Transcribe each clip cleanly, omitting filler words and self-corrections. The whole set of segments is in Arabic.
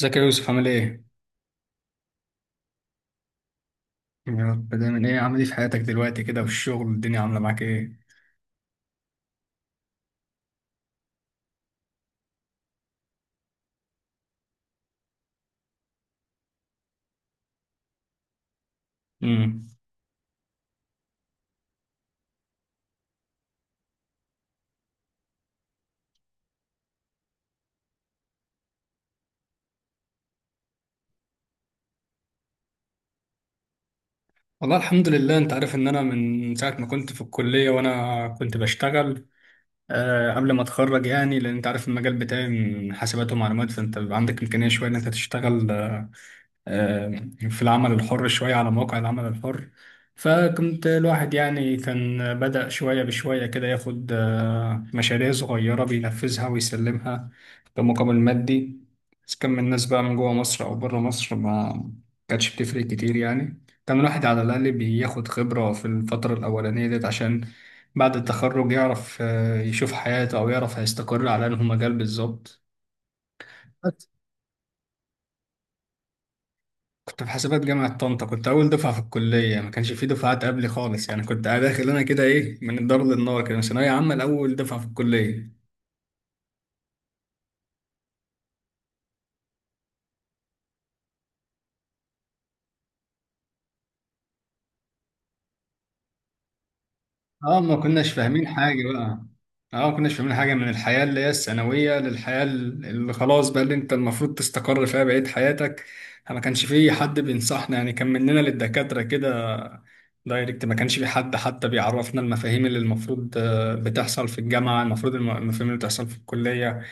ازيك يا يوسف عامل ايه؟ يا رب دايما. ايه عامل ايه في حياتك دلوقتي كده وفي الشغل الدنيا عامله معاك ايه؟ امم والله الحمد لله، انت عارف ان انا من ساعه ما كنت في الكليه وانا كنت بشتغل، آه قبل ما اتخرج. يعني لان انت عارف المجال بتاعي من حاسبات ومعلومات، فانت بيبقى عندك امكانيه شويه ان انت تشتغل، آه، في العمل الحر، شوية على مواقع العمل الحر. فكنت الواحد يعني كان بدأ شوية بشوية كده ياخد مشاريع صغيرة بينفذها ويسلمها بمقابل مادي، إذا كان من الناس بقى من جوه مصر أو بره مصر ما كانتش بتفرق كتير. يعني كان الواحد على الأقل بياخد خبرة في الفترة الأولانية ديت، عشان بعد التخرج يعرف يشوف حياته، أو يعرف هيستقر على أنه مجال بالظبط. كنت في حسابات جامعة طنطا، كنت أول دفعة في الكلية، ما كانش في دفعات قبلي خالص. يعني كنت داخل أنا كده إيه، من الدار للنار كده، من ثانوية عامة لأول دفعة في الكلية. اه ما كناش فاهمين حاجة بقى. اه ما كناش فاهمين حاجة من الحياة اللي هي الثانوية للحياة اللي خلاص بقى اللي انت المفروض تستقر فيها بقية حياتك. ما كانش في حد بينصحنا، يعني كان مننا للدكاترة كده دايركت، ما كانش في حد حتى بيعرفنا المفاهيم اللي المفروض بتحصل في الجامعة، المفروض المفاهيم اللي بتحصل في الكلية،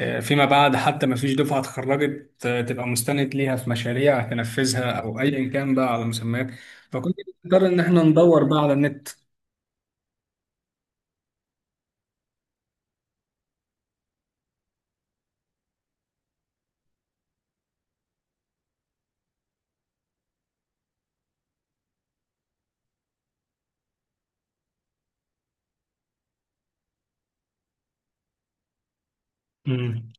فيما بعد حتى ما فيش دفعة اتخرجت تبقى مستند ليها في مشاريع تنفذها أو أيا كان بقى على مسميات. فكنت بنضطر إن احنا ندور بقى على النت. مم.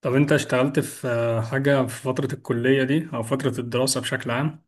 طب انت اشتغلت في حاجة في فترة الكلية دي او فترة الدراسة بشكل عام؟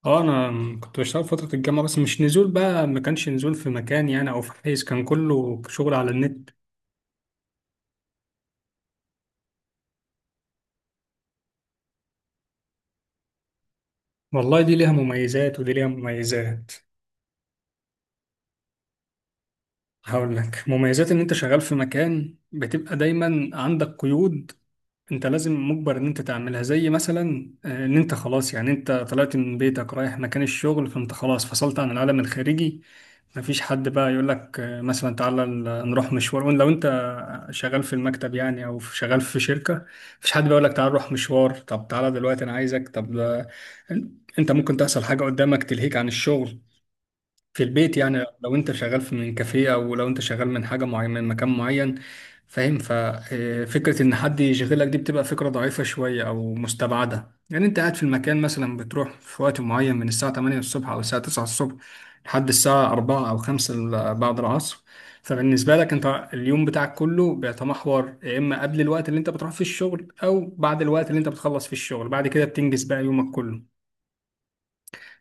اه انا كنت بشتغل في فترة الجامعة، بس مش نزول بقى، ما كانش نزول في مكان يعني او في حيز، كان كله شغل على النت. والله دي ليها مميزات ودي ليها مميزات. هقول لك، مميزات ان انت شغال في مكان، بتبقى دايما عندك قيود، انت لازم مجبر ان انت تعملها، زي مثلا ان انت خلاص يعني انت طلعت من بيتك رايح مكان الشغل فانت خلاص فصلت عن العالم الخارجي، مفيش حد بقى يقول لك مثلا تعالى نروح مشوار. وان لو انت شغال في المكتب يعني او شغال في شركة، مفيش حد بيقول لك تعالى نروح مشوار، طب تعالى دلوقتي انا عايزك، طب ده انت ممكن تحصل حاجة قدامك تلهيك عن الشغل في البيت. يعني لو انت شغال في من كافيه او لو انت شغال من حاجه معينه من مكان معين، فاهم؟ ففكره ان حد يشغلك دي بتبقى فكره ضعيفه شويه او مستبعده. يعني انت قاعد في المكان، مثلا بتروح في وقت معين من الساعه 8 الصبح او الساعه 9 الصبح لحد الساعه 4 او 5 بعد العصر، فبالنسبه لك انت اليوم بتاعك كله بيتمحور يا اما قبل الوقت اللي انت بتروح فيه الشغل او بعد الوقت اللي انت بتخلص فيه الشغل، بعد كده بتنجز بقى يومك كله.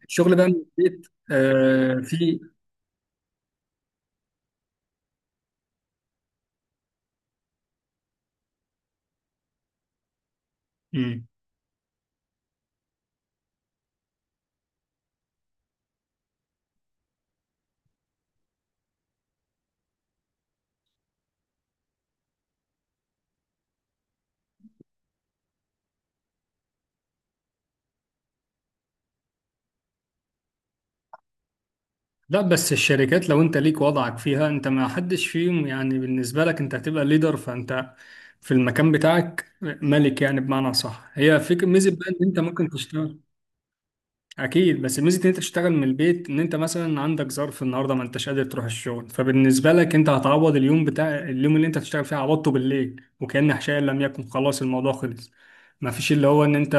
الشغل بقى من البيت آه في. مم. لا بس الشركات لو انت ليك وضعك فيها، انت ما حدش فيهم يعني، بالنسبة لك انت هتبقى ليدر، فانت في المكان بتاعك ملك يعني، بمعنى صح هي فكرة ميزة بقى ان انت ممكن تشتغل. اكيد، بس ميزه ان انت تشتغل من البيت ان انت مثلا عندك ظرف النهارده ما انتش قادر تروح الشغل، فبالنسبه لك انت هتعوض اليوم بتاع اليوم اللي انت هتشتغل فيه، عوضته بالليل وكأن حشاء لم يكن، خلاص الموضوع خلص. ما فيش اللي هو ان انت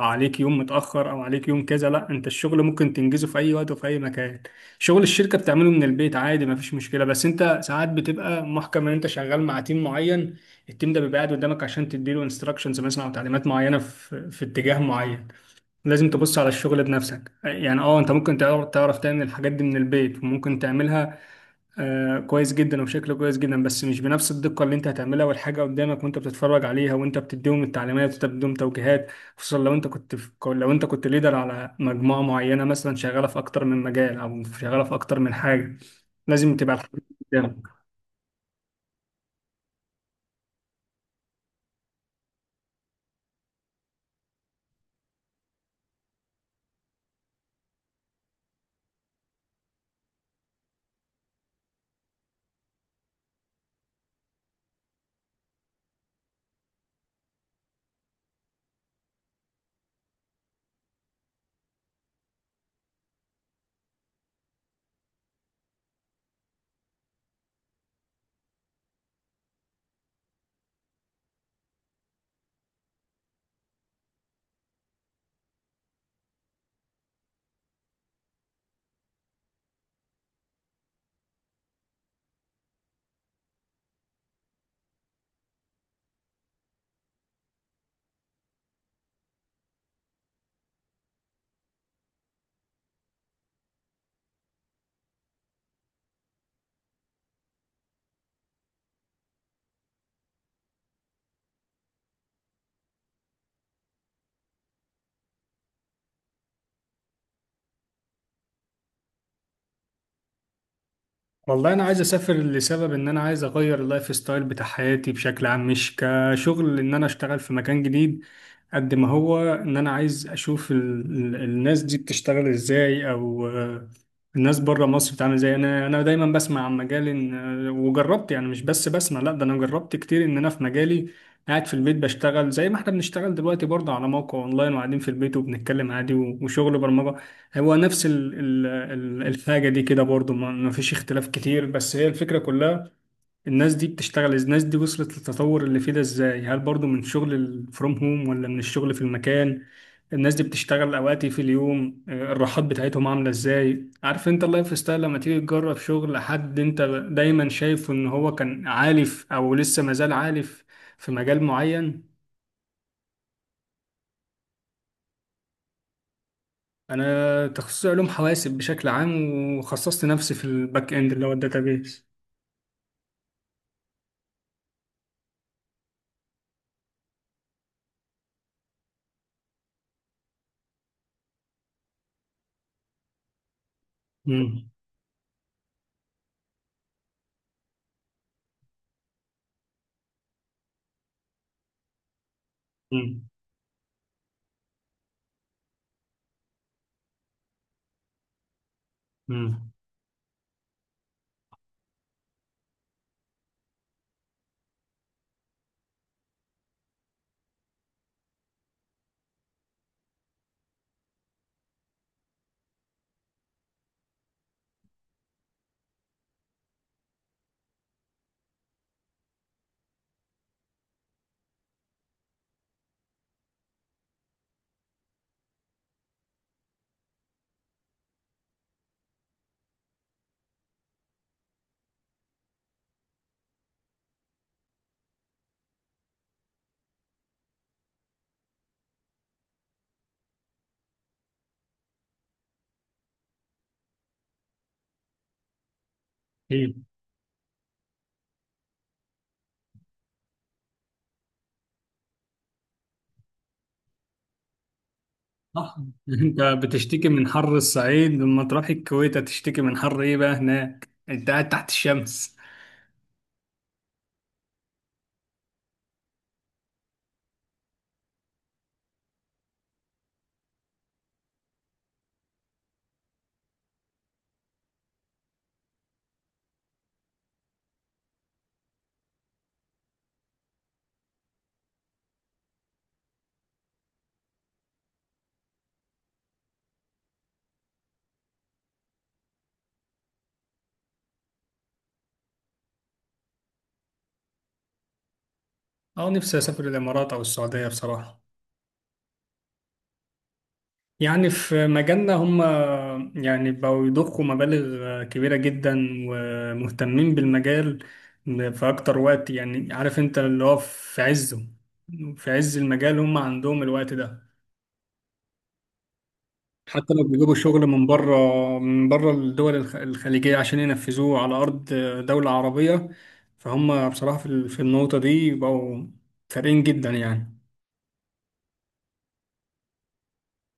عليك يوم متاخر او عليك يوم كذا، لا انت الشغل ممكن تنجزه في اي وقت وفي اي مكان. شغل الشركه بتعمله من البيت عادي ما فيش مشكله، بس انت ساعات بتبقى محكم ان انت شغال مع تيم معين، التيم ده بيبقى قاعد قدامك عشان تديله انستراكشنز مثلا او تعليمات معينه في اتجاه معين، لازم تبص على الشغل بنفسك. يعني اه انت ممكن تعرف تعمل الحاجات دي من البيت وممكن تعملها آه كويس جدا وبشكل كويس جدا، بس مش بنفس الدقة اللي انت هتعملها والحاجة قدامك وانت بتتفرج عليها وانت بتديهم التعليمات وانت بتديهم توجيهات، خصوصا لو انت كنت في، لو انت كنت ليدر على مجموعة معينة مثلا شغالة في اكتر من مجال او شغالة في اكتر من حاجة، لازم تبقى الحاجة قدامك. والله انا عايز اسافر لسبب ان انا عايز اغير اللايف ستايل بتاع حياتي بشكل عام، مش كشغل ان انا اشتغل في مكان جديد، قد ما هو ان انا عايز اشوف ال ال الناس دي بتشتغل ازاي، او الناس بره مصر بتعمل ازاي. انا دايما بسمع عن مجال إن وجربت، يعني مش بس بسمع لا ده انا جربت كتير ان انا في مجالي قاعد في البيت بشتغل زي ما احنا بنشتغل دلوقتي برضه على موقع اونلاين وقاعدين في البيت وبنتكلم عادي وشغل برمجة، هو نفس الحاجة دي كده برضو، ما فيش اختلاف كتير. بس هي الفكرة كلها الناس دي بتشتغل، الناس دي وصلت للتطور اللي فيه ده ازاي، هل برضو من شغل فروم هوم ولا من الشغل في المكان؟ الناس دي بتشتغل اوقات إيه في اليوم؟ الراحات بتاعتهم عاملة ازاي؟ عارف انت اللايف ستايل لما تيجي تجرب شغل حد انت دايما شايفه ان هو كان عالف او لسه مازال عالف في مجال معين. انا تخصصي علوم حواسب بشكل عام، وخصصت نفسي في الباك اند اللي هو الداتابيس. مم. مم. مم. ايه، صح. انت بتشتكي من حر الصعيد، لما تروح الكويت هتشتكي من حر ايه بقى، هناك انت قاعد تحت الشمس. اه نفسي اسافر الامارات او السعوديه بصراحه. يعني في مجالنا هم يعني بقوا يضخوا مبالغ كبيره جدا ومهتمين بالمجال في اكتر وقت. يعني عارف انت اللي هو في عزه، في عز المجال، هم عندهم الوقت ده. حتى لو بيجيبوا شغل من بره، من بره الدول الخليجية عشان ينفذوه على أرض دولة عربية، فهم بصراحة في في النقطة دي بقوا فارقين جدا يعني.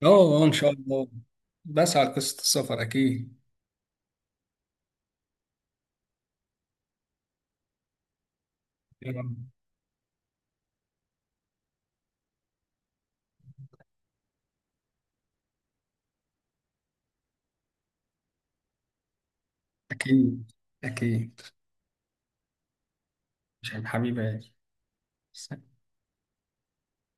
اه. إن شاء الله، بسعى لقصة السفر أكيد. يا رب. أكيد. أكيد. مش حبيبي